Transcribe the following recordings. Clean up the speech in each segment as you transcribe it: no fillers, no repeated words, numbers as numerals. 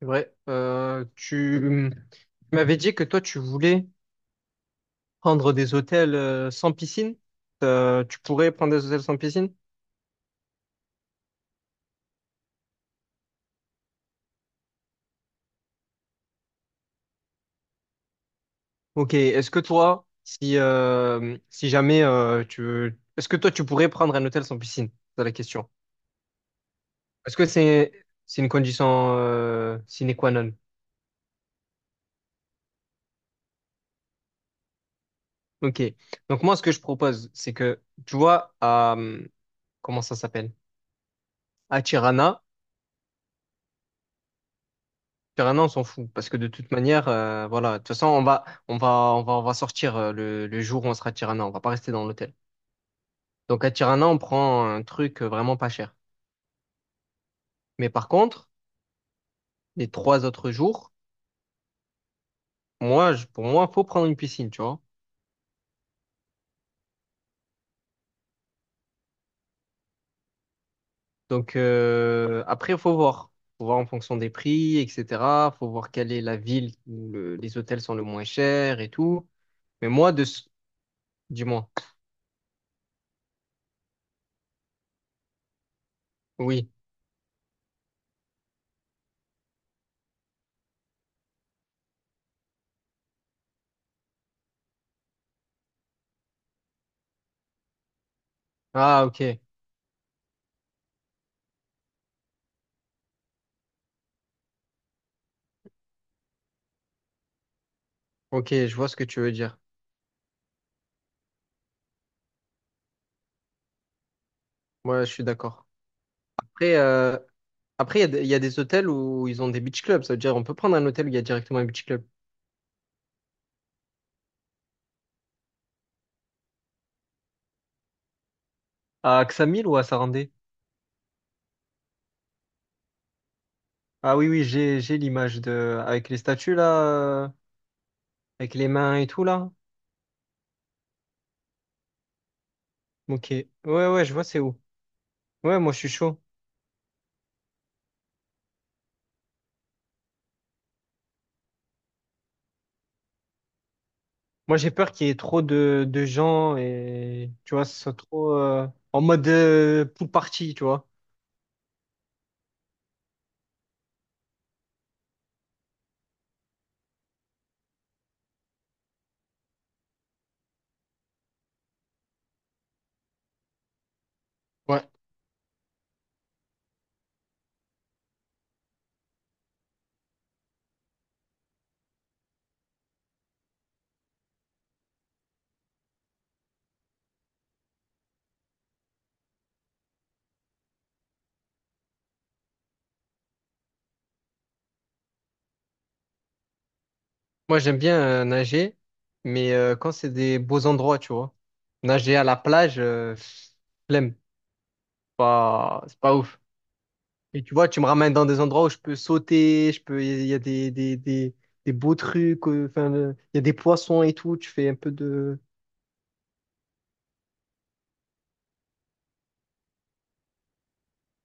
C'est vrai. Tu m'avais dit que toi, tu voulais prendre des hôtels sans piscine. Tu pourrais prendre des hôtels sans piscine? Ok. Est-ce que toi, si, si jamais tu veux. Est-ce que toi, tu pourrais prendre un hôtel sans piscine? C'est la question. Est-ce que c'est une condition sine qua non? Ok. Donc moi, ce que je propose, c'est que, tu vois. Comment ça s'appelle? À Tirana. Sur on s'en fout parce que de toute manière, voilà. De toute façon, on va sortir le jour où on sera à Tirana. On va pas rester dans l'hôtel. Donc à Tirana, on prend un truc vraiment pas cher. Mais par contre, les 3 autres jours, moi, pour moi, faut prendre une piscine, tu vois. Donc après, il faut voir en fonction des prix, etc. Faut voir quelle est la ville où les hôtels sont le moins chers et tout. Mais moi, dis-moi. Oui. Ah, ok, ok, je vois ce que tu veux dire. Moi, je suis d'accord. Après, euh, Après, il y a des hôtels où ils ont des beach clubs. Ça veut dire on peut prendre un hôtel où il y a directement un beach club. À Ksamil ou à Sarandé? Ah oui, oui, j'ai l'image de, avec les statues là, euh, avec les mains et tout là. Ok. Ouais, ouais, je vois c'est où. Ouais, moi je suis chaud. Moi j'ai peur qu'il y ait trop de gens et tu vois, ce soit trop en mode pool party, tu vois. Ouais. Moi j'aime bien nager, mais quand c'est des beaux endroits, tu vois. Nager à la plage, flemme. Pas, C'est pas ouf. Et tu vois, tu me ramènes dans des endroits où je peux sauter, il y a des beaux trucs, enfin, il y a des poissons et tout, tu fais un peu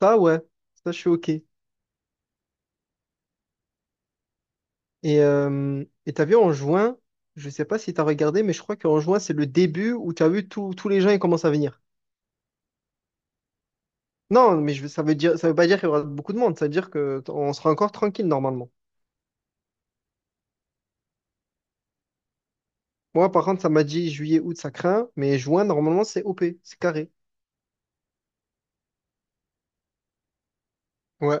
Ça, ouais, ça, je suis OK. Et t'as vu, en juin, je sais pas si t'as regardé, mais je crois qu'en juin, c'est le début où t'as vu tous les gens, ils commencent à venir. Non, mais ça veut dire, ça veut pas dire qu'il y aura beaucoup de monde, ça veut dire que on sera encore tranquille, normalement. Moi, par contre, ça m'a dit juillet, août, ça craint, mais juin, normalement, c'est OP, c'est carré. Ouais,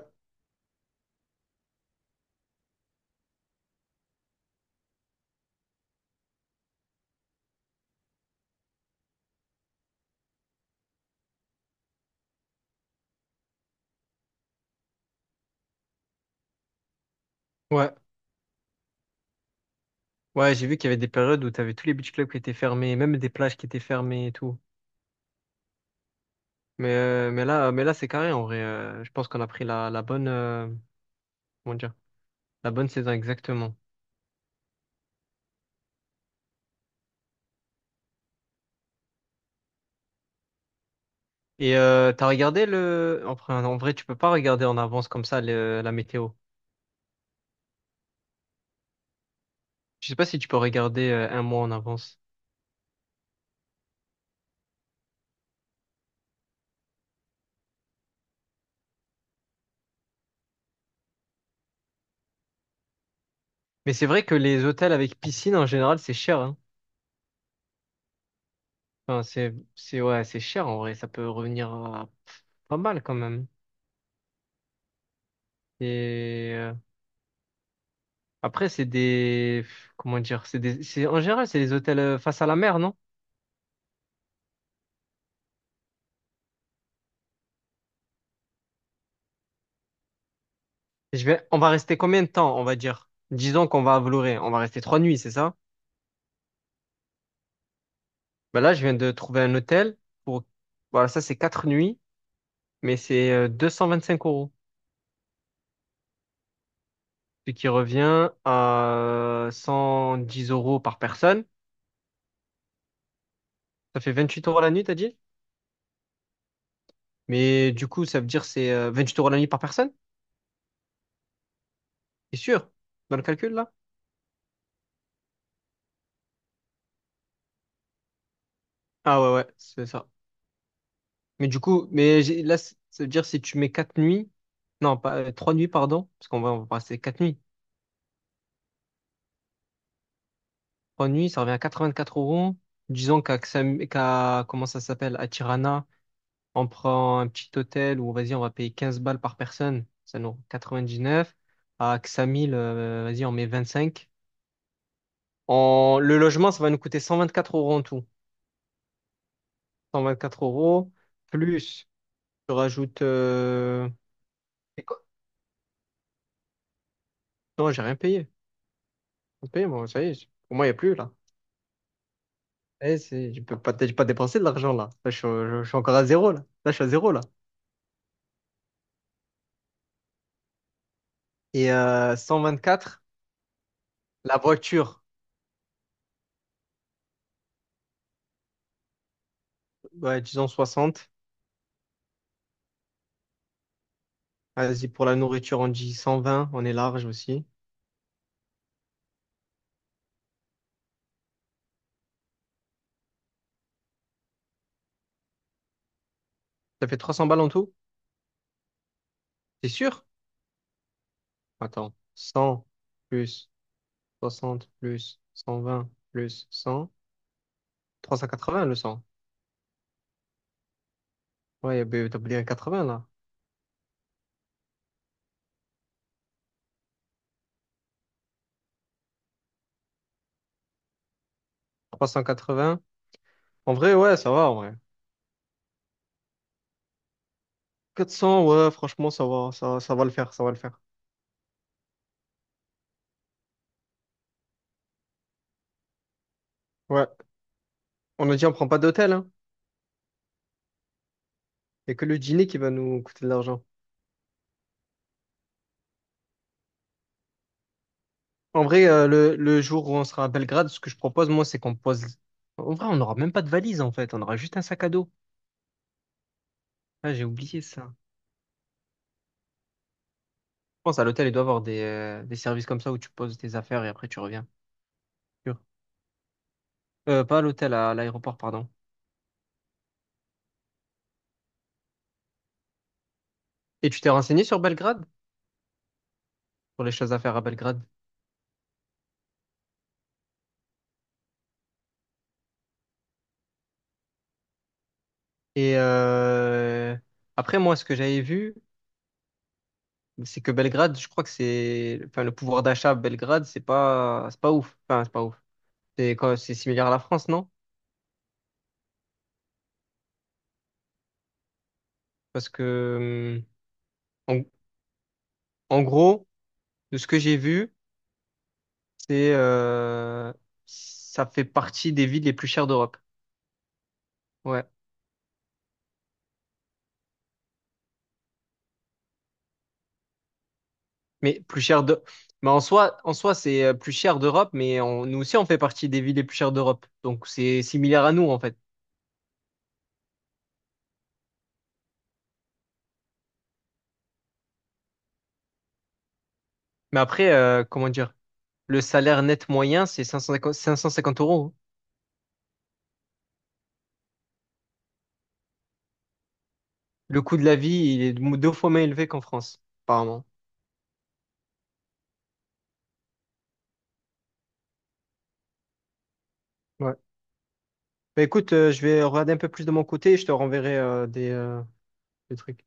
ouais. Ouais, j'ai vu qu'il y avait des périodes où t'avais tous les beach clubs qui étaient fermés, même des plages qui étaient fermées et tout. Mais là, c'est carré en vrai. Je pense qu'on a pris la bonne, comment dire, la bonne saison exactement. Et t'as regardé le. Enfin, en vrai, tu peux pas regarder en avance comme ça la météo. Je sais pas si tu peux regarder un mois en avance. Mais c'est vrai que les hôtels avec piscine, en général, c'est cher, hein. Enfin, ouais, c'est cher en vrai. Ça peut revenir à pas mal quand même. Et après, c'est des, comment dire, c'est des, c'est, en général, c'est des hôtels face à la mer, non? On va rester combien de temps, on va dire? Disons qu'on va à Vloré, on va rester 3 nuits, c'est ça? Bah là, je viens de trouver un hôtel pour, voilà, ça c'est 4 nuits, mais c'est 5 euros, ce qui revient à 110 euros par personne. Ça fait 28 euros la nuit, t'as dit? Mais du coup, ça veut dire c'est 8 euros la nuit par personne? C'est sûr? Dans le calcul là? Ah ouais, ouais, c'est ça. Mais du coup, ça veut dire si tu mets quatre nuits, non, pas 3 nuits, pardon, parce qu'on va passer quatre nuits. 3 nuits, ça revient à 84 euros. Disons comment ça s'appelle, à Tirana, on prend un petit hôtel où, vas-y, on va payer 15 balles par personne, ça nous rend 99. À Ksamil, vas-y, on met 25. Le logement, ça va nous coûter 124 euros en tout. 124 euros, plus, je rajoute, c'est quoi Non, j'ai rien payé. J'ai payé, moi, ça y est, pour moi, il n'y a plus, là. Eh, je peux pas, j'ai pas dépensé de l'argent là. Là, je suis encore à zéro là. Là, je suis à zéro là. Et 124, la voiture, ouais, disons 60. Vas-y, pour la nourriture, on dit 120, on est large aussi. Ça fait 300 balles en tout? C'est sûr? Attends, 100 plus 60 plus 120 plus 100, 380 le 100. Ouais, ben, t'as oublié un 80 là. 380. En vrai, ouais, ça va en vrai. 400, ouais, franchement, ça va, ça va le faire, ça va le faire. Ouais, on a dit on prend pas d'hôtel, hein. Il n'y a que le dîner qui va nous coûter de l'argent. En vrai, le jour où on sera à Belgrade, ce que je propose, moi, c'est qu'on pose. En vrai, on n'aura même pas de valise, en fait. On aura juste un sac à dos. Ah, j'ai oublié ça. Je pense à l'hôtel, il doit avoir des services comme ça où tu poses tes affaires et après tu reviens. Sûr. Pas à l'hôtel, à l'aéroport, pardon. Et tu t'es renseigné sur Belgrade? Pour les choses à faire à Belgrade. Et après, moi, ce que j'avais vu, c'est que Belgrade, je crois que c'est. Enfin, le pouvoir d'achat à Belgrade, c'est pas, c'est pas ouf. Enfin, c'est pas ouf. C'est c'est similaire à la France, non? Parce que, hum, en, en gros, de ce que j'ai vu, c'est, euh, ça fait partie des villes les plus chères d'Europe. Ouais. Mais plus chères de, mais en soi, c'est plus cher d'Europe, mais nous aussi, on fait partie des villes les plus chères d'Europe. Donc, c'est similaire à nous, en fait. Mais après, comment dire, le salaire net moyen, c'est 550 euros. Le coût de la vie, il est deux fois moins élevé qu'en France, apparemment. Ouais. Bah écoute, je vais regarder un peu plus de mon côté et je te renverrai des trucs.